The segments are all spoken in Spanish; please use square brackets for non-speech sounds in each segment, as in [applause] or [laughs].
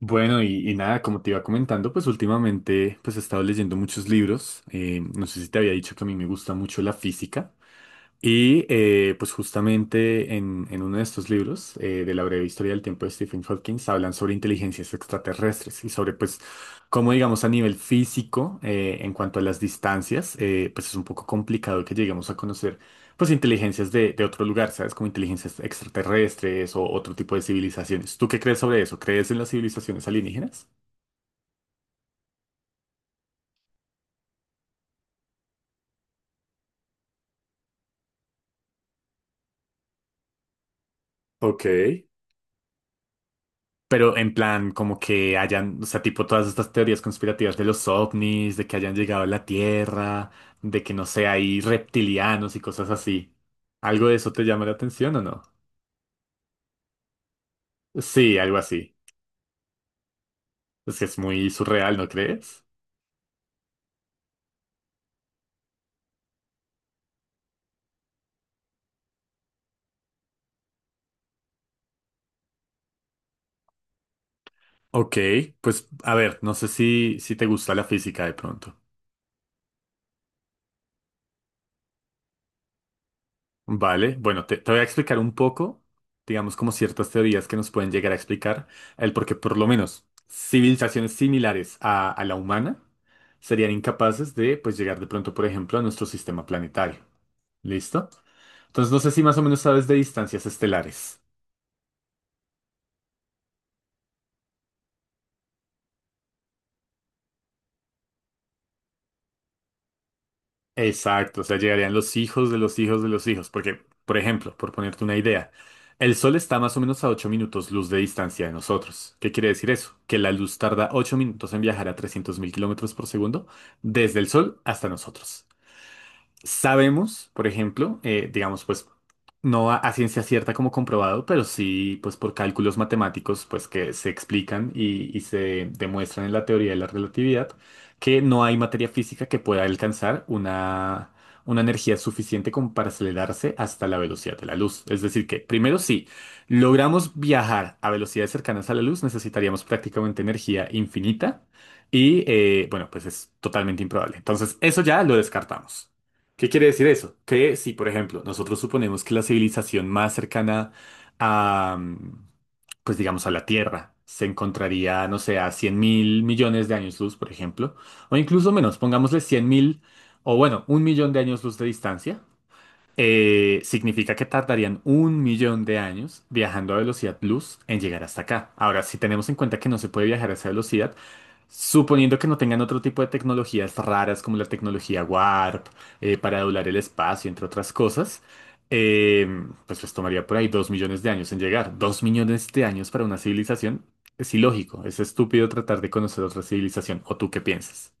Bueno, y nada, como te iba comentando, pues últimamente pues he estado leyendo muchos libros. No sé si te había dicho que a mí me gusta mucho la física. Y pues justamente en uno de estos libros de la breve historia del tiempo de Stephen Hawking hablan sobre inteligencias extraterrestres y sobre pues cómo digamos a nivel físico, en cuanto a las distancias, pues es un poco complicado que lleguemos a conocer pues inteligencias de otro lugar, ¿sabes? Como inteligencias extraterrestres o otro tipo de civilizaciones. ¿Tú qué crees sobre eso? ¿Crees en las civilizaciones alienígenas? Ok. Pero en plan, como que hayan, o sea, tipo todas estas teorías conspirativas de los ovnis, de que hayan llegado a la Tierra, de que no sé, hay reptilianos y cosas así. ¿Algo de eso te llama la atención o no? Sí, algo así. Es que es muy surreal, ¿no crees? Ok, pues a ver, no sé si te gusta la física de pronto. Vale, bueno, te voy a explicar un poco, digamos, como ciertas teorías que nos pueden llegar a explicar el por qué, por lo menos, civilizaciones similares a la humana serían incapaces de, pues, llegar de pronto, por ejemplo, a nuestro sistema planetario. ¿Listo? Entonces, no sé si más o menos sabes de distancias estelares. Exacto, o sea, llegarían los hijos de los hijos de los hijos, porque, por ejemplo, por ponerte una idea, el Sol está más o menos a 8 minutos luz de distancia de nosotros. ¿Qué quiere decir eso? Que la luz tarda 8 minutos en viajar a 300.000 kilómetros por segundo desde el Sol hasta nosotros. Sabemos, por ejemplo, digamos, pues no a ciencia cierta como comprobado, pero sí, pues por cálculos matemáticos, pues que se explican y se demuestran en la teoría de la relatividad, que no hay materia física que pueda alcanzar una energía suficiente como para acelerarse hasta la velocidad de la luz. Es decir, que primero si logramos viajar a velocidades cercanas a la luz, necesitaríamos prácticamente energía infinita y, bueno, pues es totalmente improbable. Entonces, eso ya lo descartamos. ¿Qué quiere decir eso? Que si, por ejemplo, nosotros suponemos que la civilización más cercana a, pues digamos, a la Tierra se encontraría, no sé, a 100.000 millones de años luz, por ejemplo, o incluso menos, pongámosle 100.000, o bueno, 1 millón de años luz de distancia, significa que tardarían 1 millón de años viajando a velocidad luz en llegar hasta acá. Ahora, si tenemos en cuenta que no se puede viajar a esa velocidad, suponiendo que no tengan otro tipo de tecnologías raras como la tecnología Warp, para doblar el espacio, entre otras cosas, eh, pues les tomaría por ahí 2 millones de años en llegar. 2 millones de años para una civilización es ilógico, es estúpido tratar de conocer otra civilización. ¿O tú qué piensas?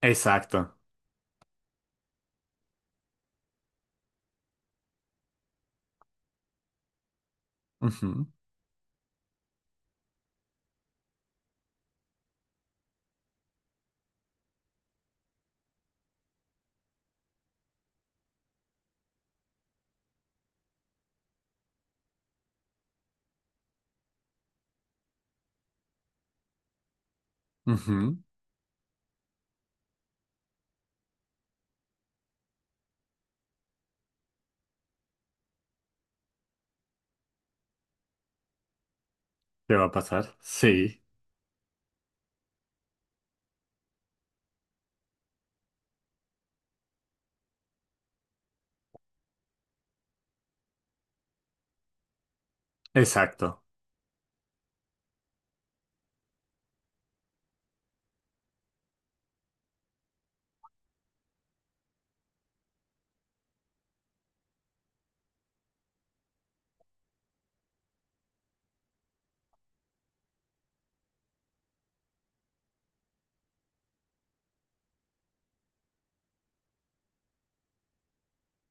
Exacto. Ujú, ujú. ¿Qué va a pasar? Sí, exacto.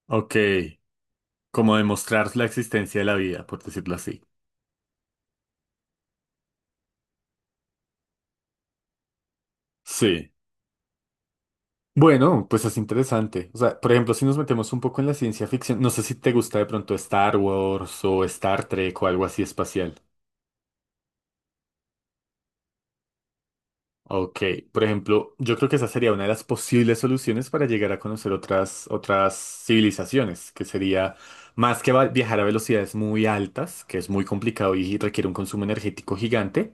Ok, como demostrar la existencia de la vida, por decirlo así. Sí. Bueno, pues es interesante. O sea, por ejemplo, si nos metemos un poco en la ciencia ficción, no sé si te gusta de pronto Star Wars o Star Trek o algo así espacial. Ok, por ejemplo, yo creo que esa sería una de las posibles soluciones para llegar a conocer otras civilizaciones, que sería más que viajar a velocidades muy altas, que es muy complicado y requiere un consumo energético gigante,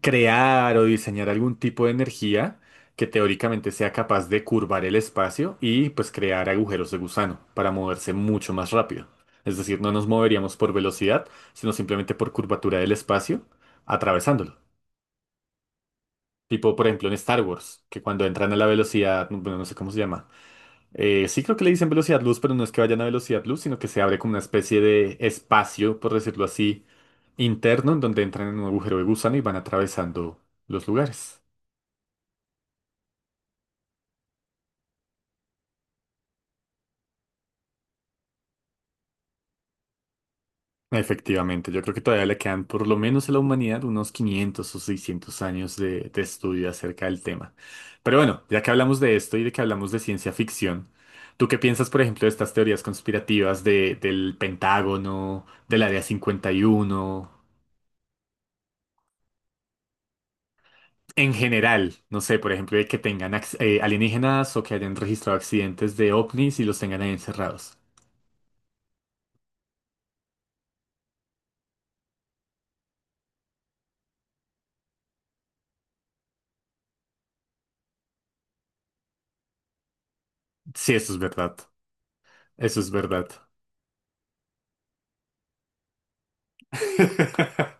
crear o diseñar algún tipo de energía que teóricamente sea capaz de curvar el espacio y pues crear agujeros de gusano para moverse mucho más rápido. Es decir, no nos moveríamos por velocidad, sino simplemente por curvatura del espacio, atravesándolo. Tipo, por ejemplo, en Star Wars, que cuando entran a la velocidad, bueno, no sé cómo se llama. Sí creo que le dicen velocidad luz, pero no es que vayan a velocidad luz, sino que se abre como una especie de espacio, por decirlo así, interno, en donde entran en un agujero de gusano y van atravesando los lugares. Efectivamente, yo creo que todavía le quedan por lo menos a la humanidad unos 500 o 600 años de estudio acerca del tema. Pero bueno, ya que hablamos de esto y de que hablamos de ciencia ficción, ¿tú qué piensas, por ejemplo, de estas teorías conspirativas del Pentágono, del Área 51 en general? No sé, por ejemplo, de que tengan alienígenas o que hayan registrado accidentes de ovnis y los tengan ahí encerrados. Sí, eso es verdad. Eso es verdad. [laughs]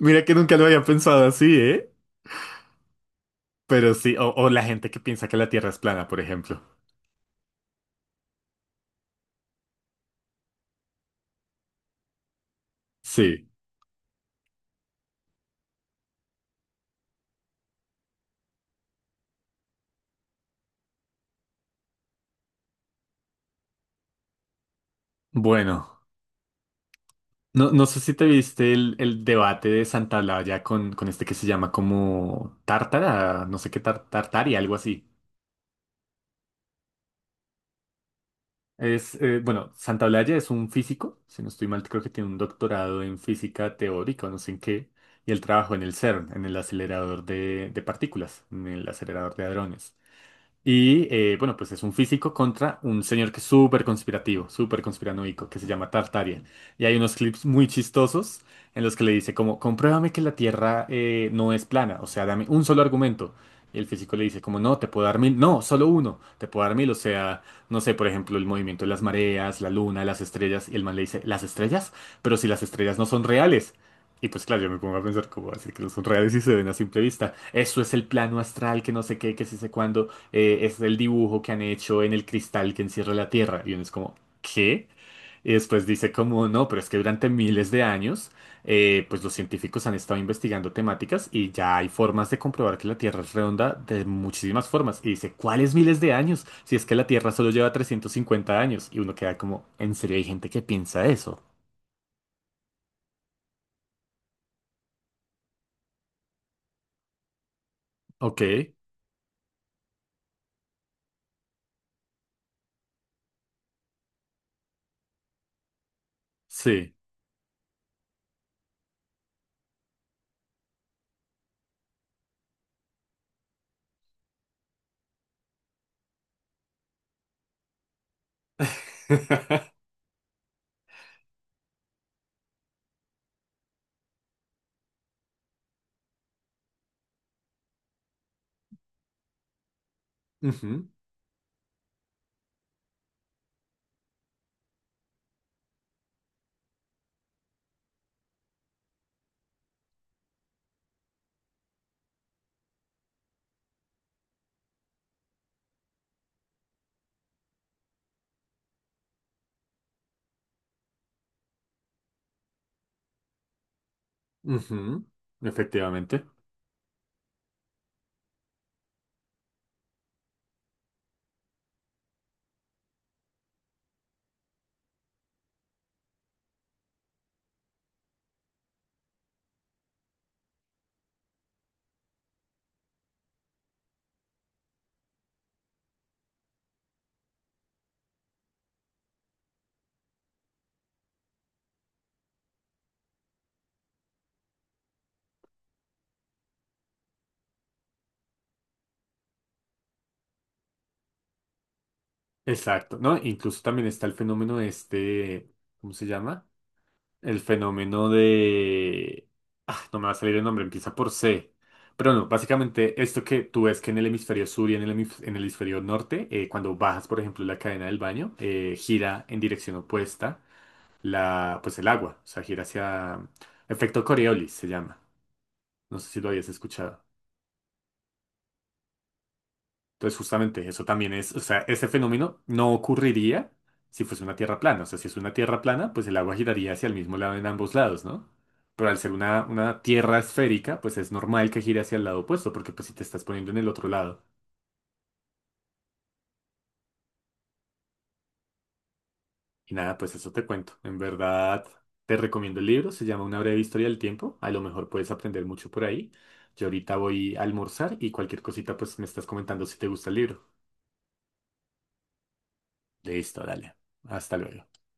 Mira que nunca lo había pensado así, ¿eh? Pero sí, o la gente que piensa que la Tierra es plana, por ejemplo. Sí, bueno. No, no sé si te viste el debate de Santa Blaya con este que se llama como Tártara, no sé qué tar, Tartari, algo así. Bueno, Santaolalla es un físico, si no estoy mal, creo que tiene un doctorado en física teórica o no sé en qué, y él trabajó en el CERN, en el acelerador de partículas, en el acelerador de hadrones. Y bueno, pues es un físico contra un señor que es súper conspirativo, súper conspiranoico, que se llama Tartaria. Y hay unos clips muy chistosos en los que le dice como, compruébame que la Tierra no es plana, o sea, dame un solo argumento. Y el físico le dice como, no, te puedo dar mil, no, solo uno, te puedo dar mil, o sea, no sé, por ejemplo, el movimiento de las mareas, la luna, las estrellas. Y el man le dice, ¿las estrellas? Pero si las estrellas no son reales. Y pues claro, yo me pongo a pensar como así que no son reales y se ven a simple vista. Eso es el plano astral, que no sé qué, que sí sé cuándo es el dibujo que han hecho en el cristal que encierra la Tierra. Y uno es como, ¿qué? Y después dice como, no, pero es que durante miles de años, pues los científicos han estado investigando temáticas y ya hay formas de comprobar que la Tierra es redonda de muchísimas formas. Y dice, ¿cuáles miles de años? Si es que la Tierra solo lleva 350 años. Y uno queda como, ¿en serio hay gente que piensa eso? Ok, sí. [laughs] Ujú, ujú, efectivamente. Exacto, ¿no? Incluso también está el fenómeno de este, ¿cómo se llama? El fenómeno de... Ah, no me va a salir el nombre, empieza por C. Pero no, básicamente esto que tú ves que en el hemisferio sur y en el, en el hemisferio norte, cuando bajas, por ejemplo, la cadena del baño, gira en dirección opuesta la, pues el agua, o sea, gira hacia... Efecto Coriolis se llama. No sé si lo habías escuchado. Entonces, justamente eso también es, o sea, ese fenómeno no ocurriría si fuese una tierra plana. O sea, si es una tierra plana, pues el agua giraría hacia el mismo lado en ambos lados, ¿no? Pero al ser una tierra esférica, pues es normal que gire hacia el lado opuesto, porque pues si te estás poniendo en el otro lado. Y nada, pues eso te cuento. En verdad, te recomiendo el libro, se llama Una breve historia del tiempo. A lo mejor puedes aprender mucho por ahí. Yo ahorita voy a almorzar y cualquier cosita, pues me estás comentando si te gusta el libro. Listo, dale. Hasta luego.